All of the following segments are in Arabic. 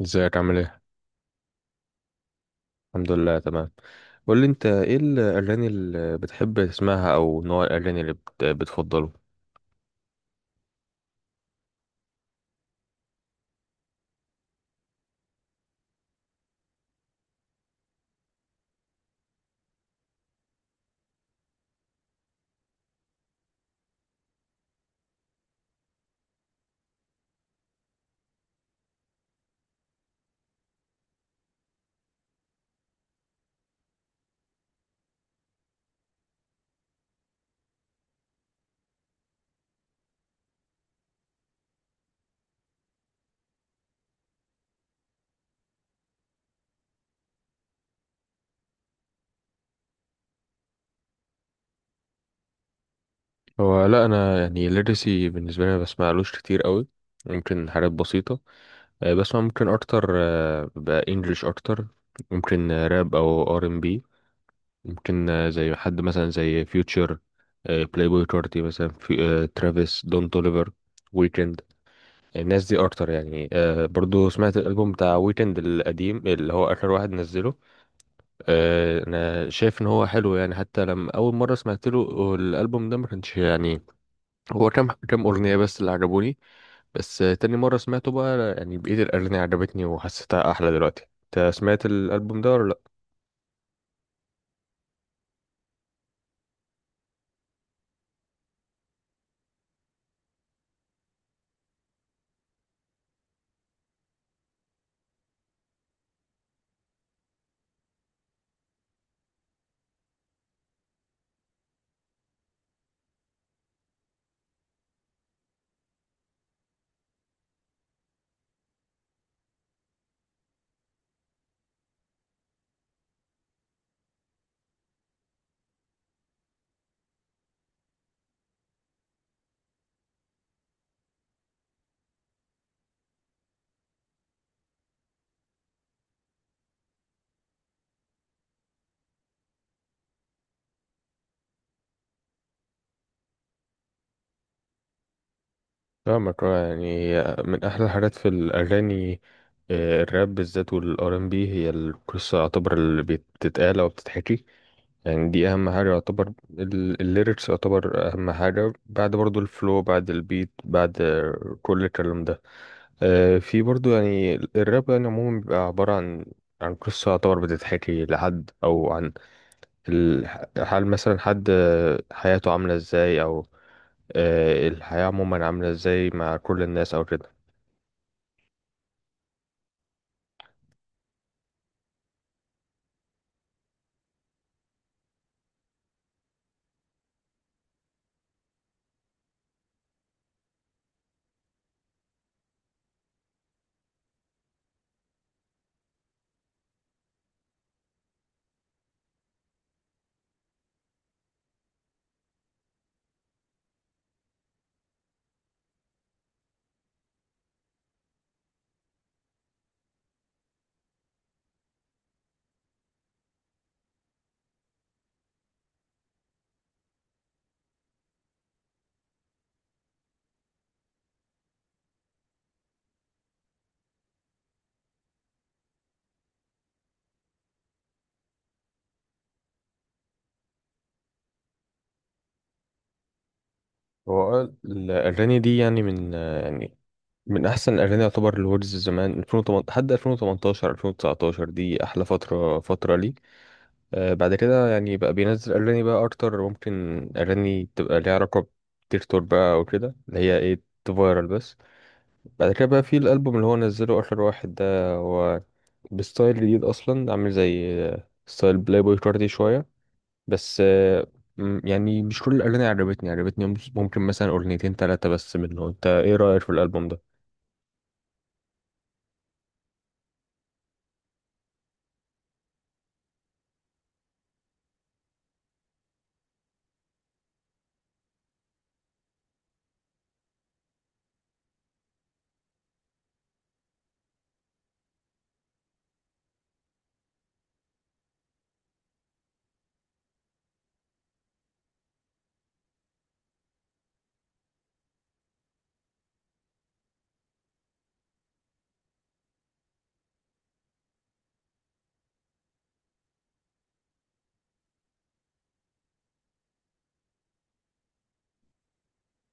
ازيك عامل ايه؟ الحمد لله تمام. قول لي انت ايه الاغاني اللي بتحب تسمعها او نوع الاغاني اللي بتفضله؟ هو لا، انا يعني ليرسي بالنسبه لي ما بسمعلوش كتير قوي، ممكن حاجات بسيطه. بسمع ممكن اكتر، بقى انجلش اكتر. ممكن راب او ار ام بي. ممكن زي حد مثلا زي فيوتشر، بلاي بوي كارتي مثلا، في ترافيس، دون توليفر، ويكند. الناس دي اكتر يعني. آه، برضو سمعت الالبوم بتاع ويكند القديم اللي هو اخر واحد نزله. آه، انا شايف ان هو حلو يعني. حتى لما اول مره سمعت له الالبوم ده ما كانش يعني هو كام اغنيه بس اللي عجبوني، بس آه تاني مره سمعته بقى يعني بقيه الاغاني عجبتني وحسيتها احلى دلوقتي. انت سمعت الالبوم ده ولا لا؟ فاهمك. يعني من احلى الحاجات في الاغاني، الراب بالذات والار ام بي، هي القصه يعتبر اللي بتتقال او بتتحكي، يعني دي اهم حاجه يعتبر. الليركس يعتبر اهم حاجه، بعد برضو الفلو، بعد البيت، بعد كل الكلام ده. في برضو يعني الراب يعني عموما بيبقى عباره عن عن قصه يعتبر بتتحكي لحد، او عن ال- حال مثلا حد، حياته عامله ازاي، او الحياه عموما عامله ازاي مع كل الناس او كده. هو الأغاني دي يعني من يعني من احسن الاغاني يعتبر الوردز زمان 2008 لحد 2018 2019، دي احلى فتره، فتره لي. آه، بعد كده يعني بقى بينزل اغاني بقى اكتر، ممكن اغاني تبقى ليها علاقه بتيك توك بقى او كده، اللي هي ايه تفايرل بس. بعد كده بقى في الالبوم اللي هو نزله اخر واحد ده، هو بستايل جديد اصلا، عامل زي ستايل بلاي بوي كاردي شويه. بس آه، يعني مش كل الاغاني عجبتني، عجبتني ممكن مثلا اغنيتين ثلاثه بس منه. انت ايه رايك في الالبوم ده؟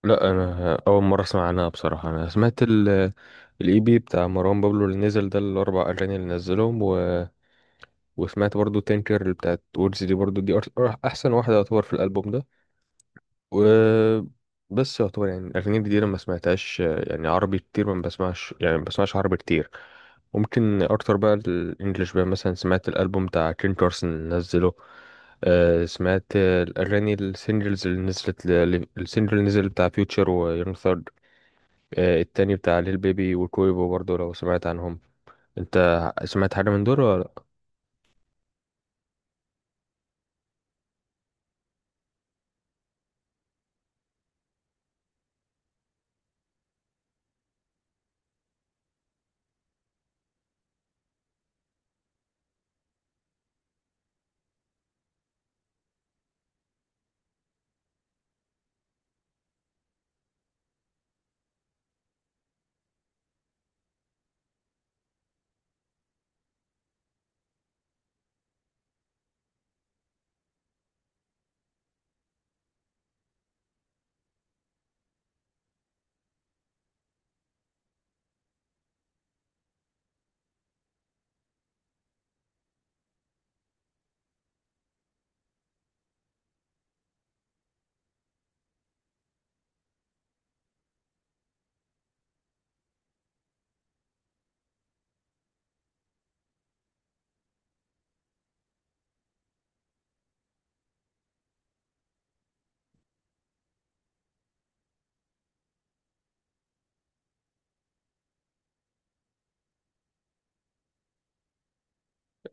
لا انا اول مره اسمع عنها بصراحه. انا سمعت الاي بي بتاع مروان بابلو اللي نزل ده، الاربع اغاني اللي نزلهم، وسمعت برضو تينكر اللي بتاعت وورز دي، برضو دي احسن واحده يعتبر في الالبوم ده. و بس يعتبر يعني الاغاني الجديده ما سمعتهاش، يعني عربي كتير ما بسمعش، يعني ما بسمعش عربي كتير. ممكن اكتر بقى الانجليش بقى. مثلا سمعت الالبوم بتاع كين كارسون اللي نزله، سمعت الاغاني السingles اللي نزلت السنجل اللي نزل بتاع فيوتشر ويونغ، التاني بتاع ليل بيبي وكويبو برضو، لو سمعت عنهم انت. سمعت حاجة من دول ولا لأ؟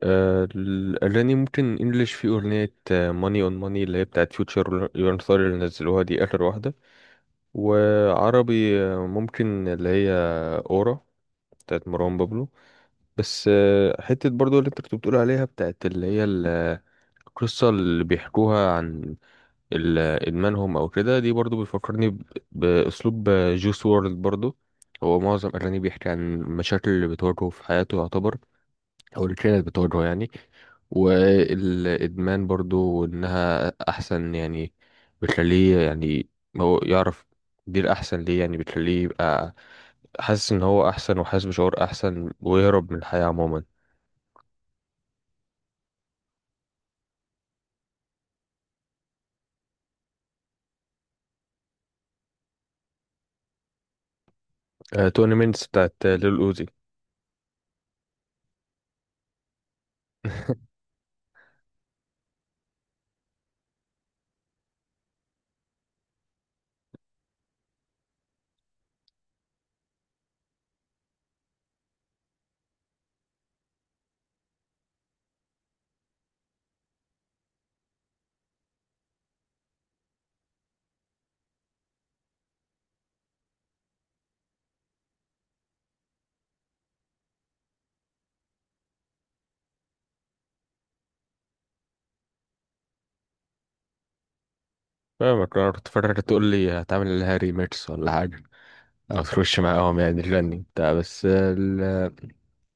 الأغاني ممكن انجلش، في أغنية ماني اون ماني اللي هي بتاعت فيوتشر يورن ثوري اللي نزلوها دي آخر واحدة. وعربي ممكن اللي هي أورا بتاعت مروان بابلو. بس آه، حتة برضو اللي انت كنت بتقول عليها بتاعت اللي هي القصة اللي بيحكوها عن ال- ادمانهم او كده، دي برضو بيفكرني باسلوب جوس وورلد برضو. هو معظم اغانيه بيحكي عن المشاكل اللي بتواجهه في حياته يعتبر، او اللي كانت بتواجهه يعني. والادمان برضو انها احسن يعني بتخليه يعني هو يعرف دي الاحسن ليه، يعني بتخليه يبقى حاسس ان هو احسن، وحاسس بشعور احسن، ويهرب من الحياة عموما. توني مينتس بتاعت ليل اوزي. فاهمك. انا كنت فاكرك تقول لي هتعمل لها ريميكس ولا حاجة، ما تخش معاهم يعني الفني بتاع،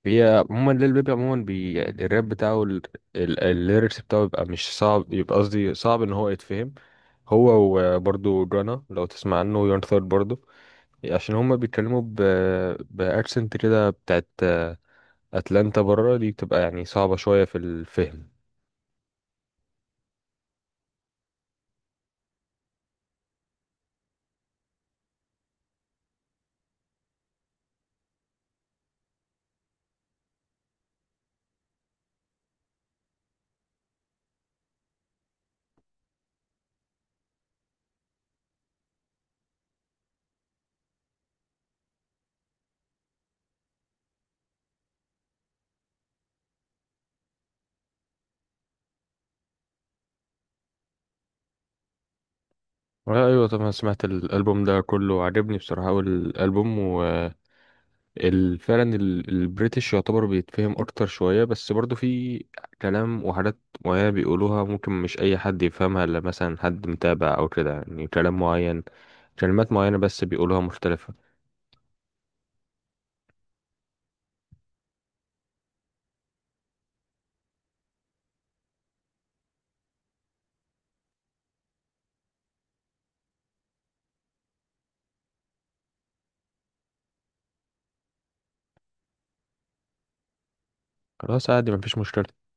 هي عموما ليل بيبي عموما يعني الراب بتاعه الليركس بتاعه بيبقى مش صعب، يبقى قصدي صعب ان هو يتفهم هو. وبرضه جانا لو تسمع عنه يون ثيرد برضه، عشان هما بيتكلموا باكسنت كده بتاعت اتلانتا بره، دي بتبقى يعني صعبة شوية في الفهم. ايوه طبعا سمعت الالبوم ده كله، عجبني بصراحة. اول الالبوم فعلا البريتش يعتبر بيتفهم اكتر شوية، بس برضو في كلام وحاجات معينة بيقولوها ممكن مش اي حد يفهمها الا مثلا حد متابع او كده، يعني كلام معين، كلمات معينة بس بيقولوها مختلفة. خلاص عادي، مفيش مشكلة.